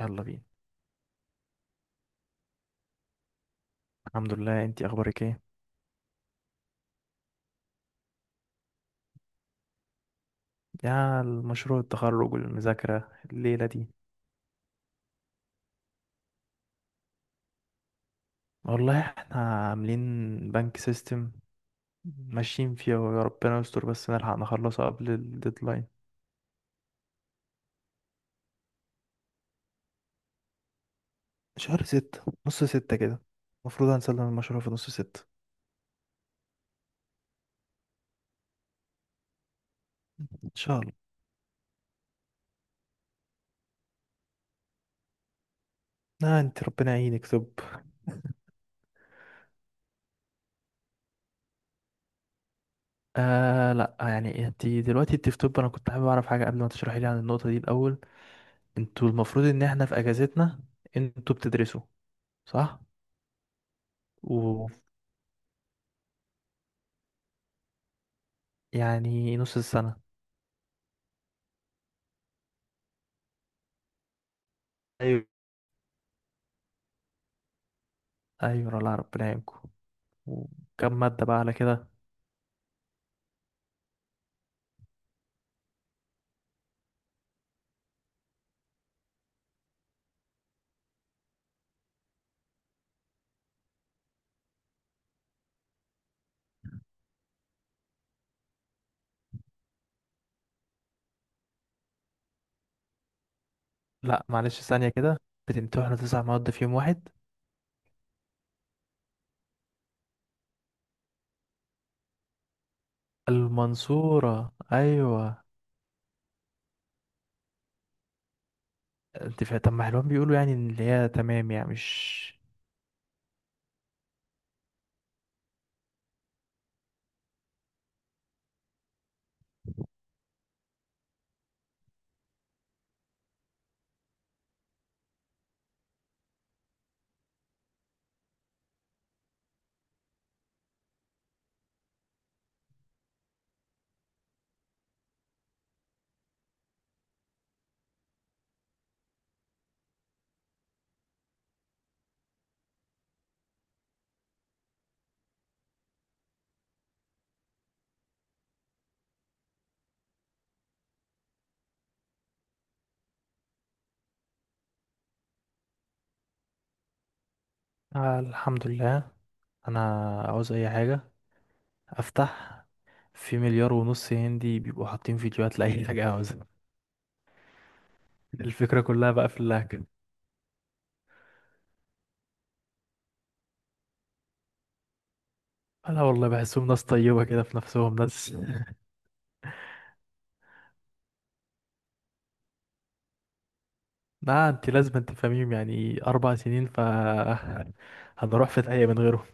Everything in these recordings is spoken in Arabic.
يلا بينا. الحمد لله، انتي اخبارك ايه؟ يا المشروع التخرج والمذاكرة الليلة دي. والله احنا عاملين بنك سيستم ماشيين فيه ويا ربنا يستر بس نلحق نخلصه قبل الديدلاين. شهر 6، نص 6 كده. المفروض هنسلم المشروع في نص 6. ان شاء الله. لا انت ربنا يعينك، طب. آه لا، يعني انت دلوقتي انت في طب، انا كنت حابب اعرف حاجة قبل ما تشرحي لي عن النقطة دي الاول. انتوا المفروض ان احنا في اجازتنا، انتوا بتدرسوا، صح؟ يعني نص السنة. ايوه. أيوة، الله ربنا يعينكم. وكم مادة بقى على كده؟ لا معلش، ثانية كده. بتمتحنوا 9 مواد في يوم واحد؟ المنصورة، أيوة. أنت فا طب، ما حلوان بيقولوا يعني إن اللي هي تمام، يعني مش... آه، الحمد لله. أنا عاوز أي حاجة أفتح، في 1.5 مليار هندي بيبقوا حاطين فيديوهات لأي حاجة عاوزها. الفكرة كلها بقى في اللهجة. أنا والله بحسهم ناس طيبة كده، في نفسهم ناس. لا انت لازم تفهميهم، يعني 4 سنين، ف هنروح في داهية من غيره.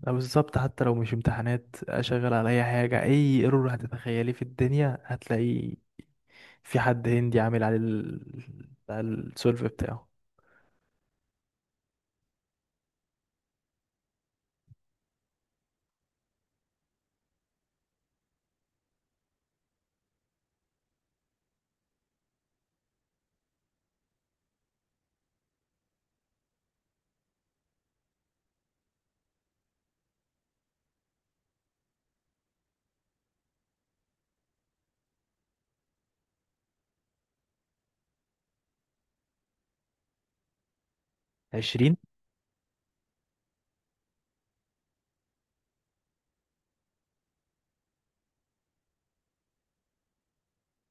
لا بالظبط، حتى لو مش امتحانات اشغل على اي حاجه، اي ايرور هتتخيليه في الدنيا هتلاقي في حد هندي عامل على السولف بتاعه. 20،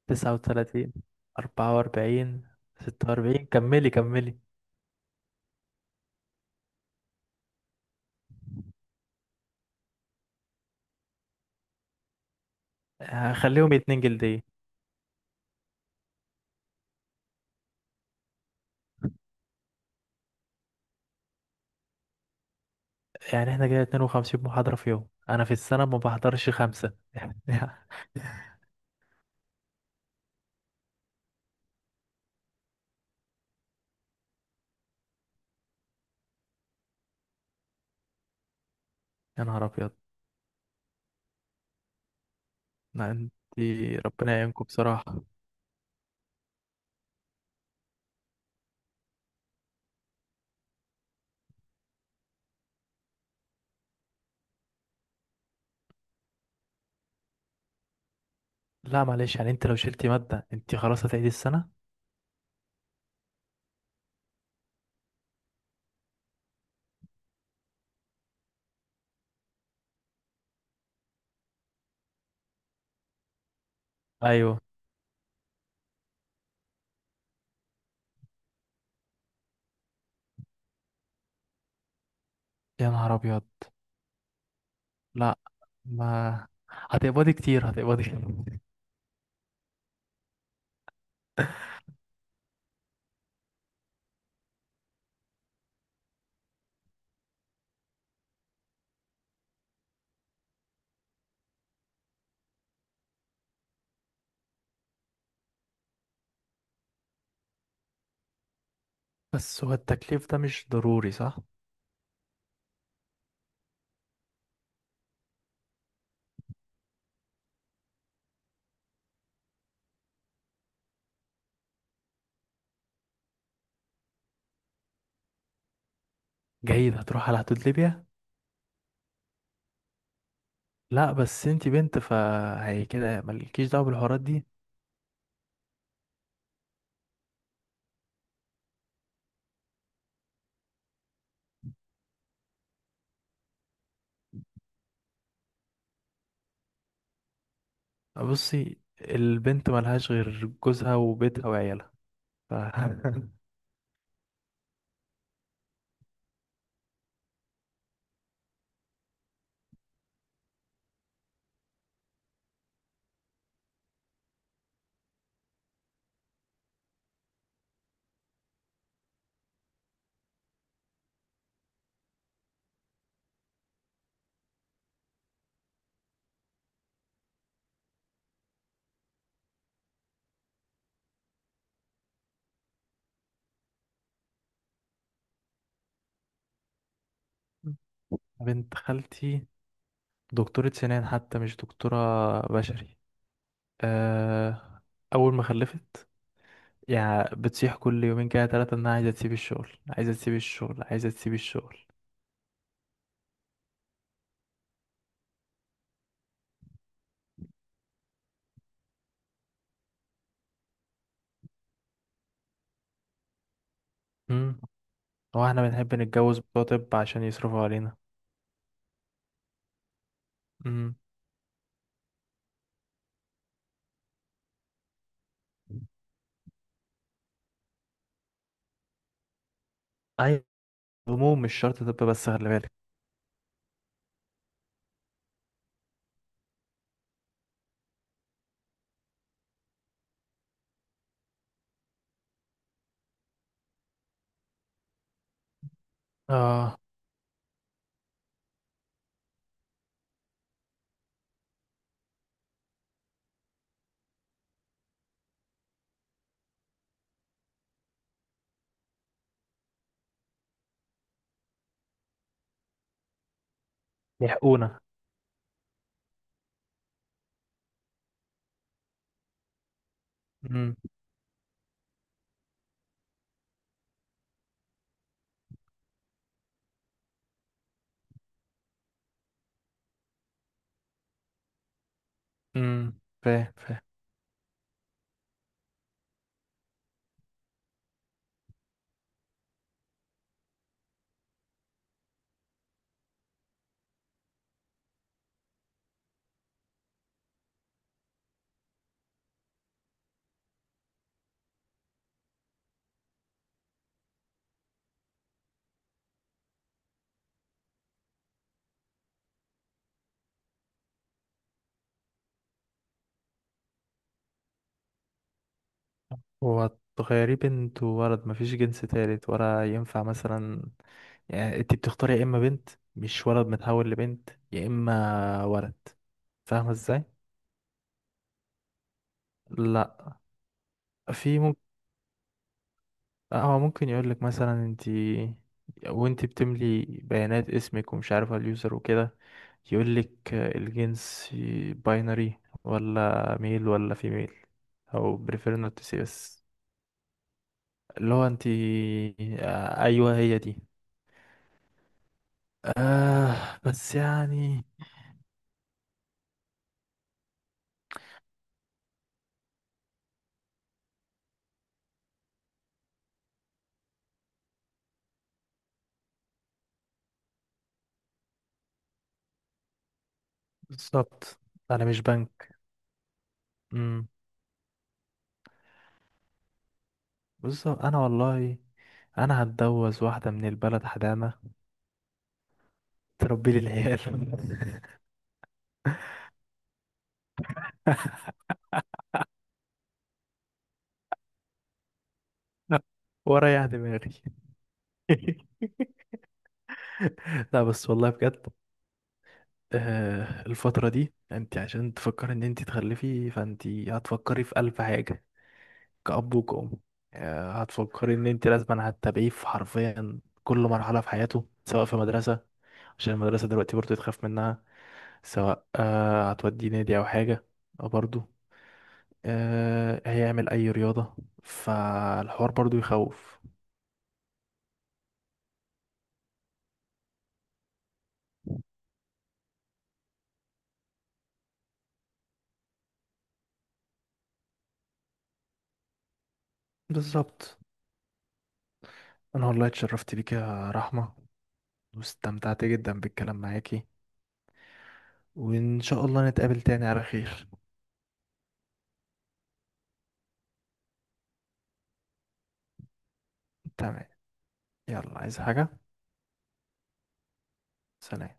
39، 44، 46، كملي كملي. هخليهم 2 جلدية. يعني احنا كده 52 محاضرة في يوم، أنا في السنة ما بحضرش 5. يا نهار أبيض. لا انت، ربنا يعينكم بصراحة. لا معلش، يعني انت لو شلتي مادة انت خلاص هتعيدي السنة؟ ايوه. يا نهار ابيض. لا، ما هتقبضي كتير، هتقبضي كتير. بس هو التكليف ده مش ضروري، صح؟ جيد؟ هتروح على حدود ليبيا. لا بس انت بنت، فهي كده مالكيش دعوة بالحوارات دي. بصي، البنت ملهاش غير جوزها وبيتها وعيالها ف... بنت خالتي دكتورة سنان، حتى مش دكتورة، بشري. أه... أول ما خلفت يعني بتصيح كل يومين كده ثلاثة، إنها عايزة تسيب الشغل، عايزة تسيب الشغل، عايزة تسيب الشغل. امم. هو احنا بنحب نتجوز بتوع طب عشان يصرفوا علينا. امم. أي هموم، مش شرط طب، بس خلي بالك. اه، يحقونا. امم امم، فاهم. هو تخيريه بنت وولد، مفيش جنس تالت، ولا ينفع مثلا؟ يعني انت بتختاري يا اما بنت، مش ولد متحول لبنت، يا اما ولد. فاهمة ازاي؟ لا في لا، هو ممكن يقول لك مثلا انت، وانت بتملي بيانات اسمك ومش عارفه اليوزر وكده يقول لك الجنس، باينري، ولا ميل ولا فيميل، او بريفير نوت سي، بس اللي هو انت. ايوه، هي دي. بس يعني. بالظبط، انا مش بنك. امم. بالظبط، انا والله انا هتجوز واحده من البلد حدامه تربي لي العيال. ورايح دماغي. لا بس والله بجد، الفترة دي انت عشان تفكري ان انت تخلفي، فانت هتفكري في ألف حاجة، كأب وكأم. هتفكري ان انت لازم هتتابعيه في حرفيا كل مرحلة في حياته، سواء في مدرسة عشان المدرسة دلوقتي برضه تخاف منها، سواء هتوديه نادي او حاجة، أو برضه هيعمل اي رياضة، فالحوار برضه يخوف. بالظبط، انا والله اتشرفت بيك يا رحمة، واستمتعت جدا بالكلام معاكي، وإن شاء الله نتقابل تاني على خير. تمام، يلا، عايز حاجة؟ سلام.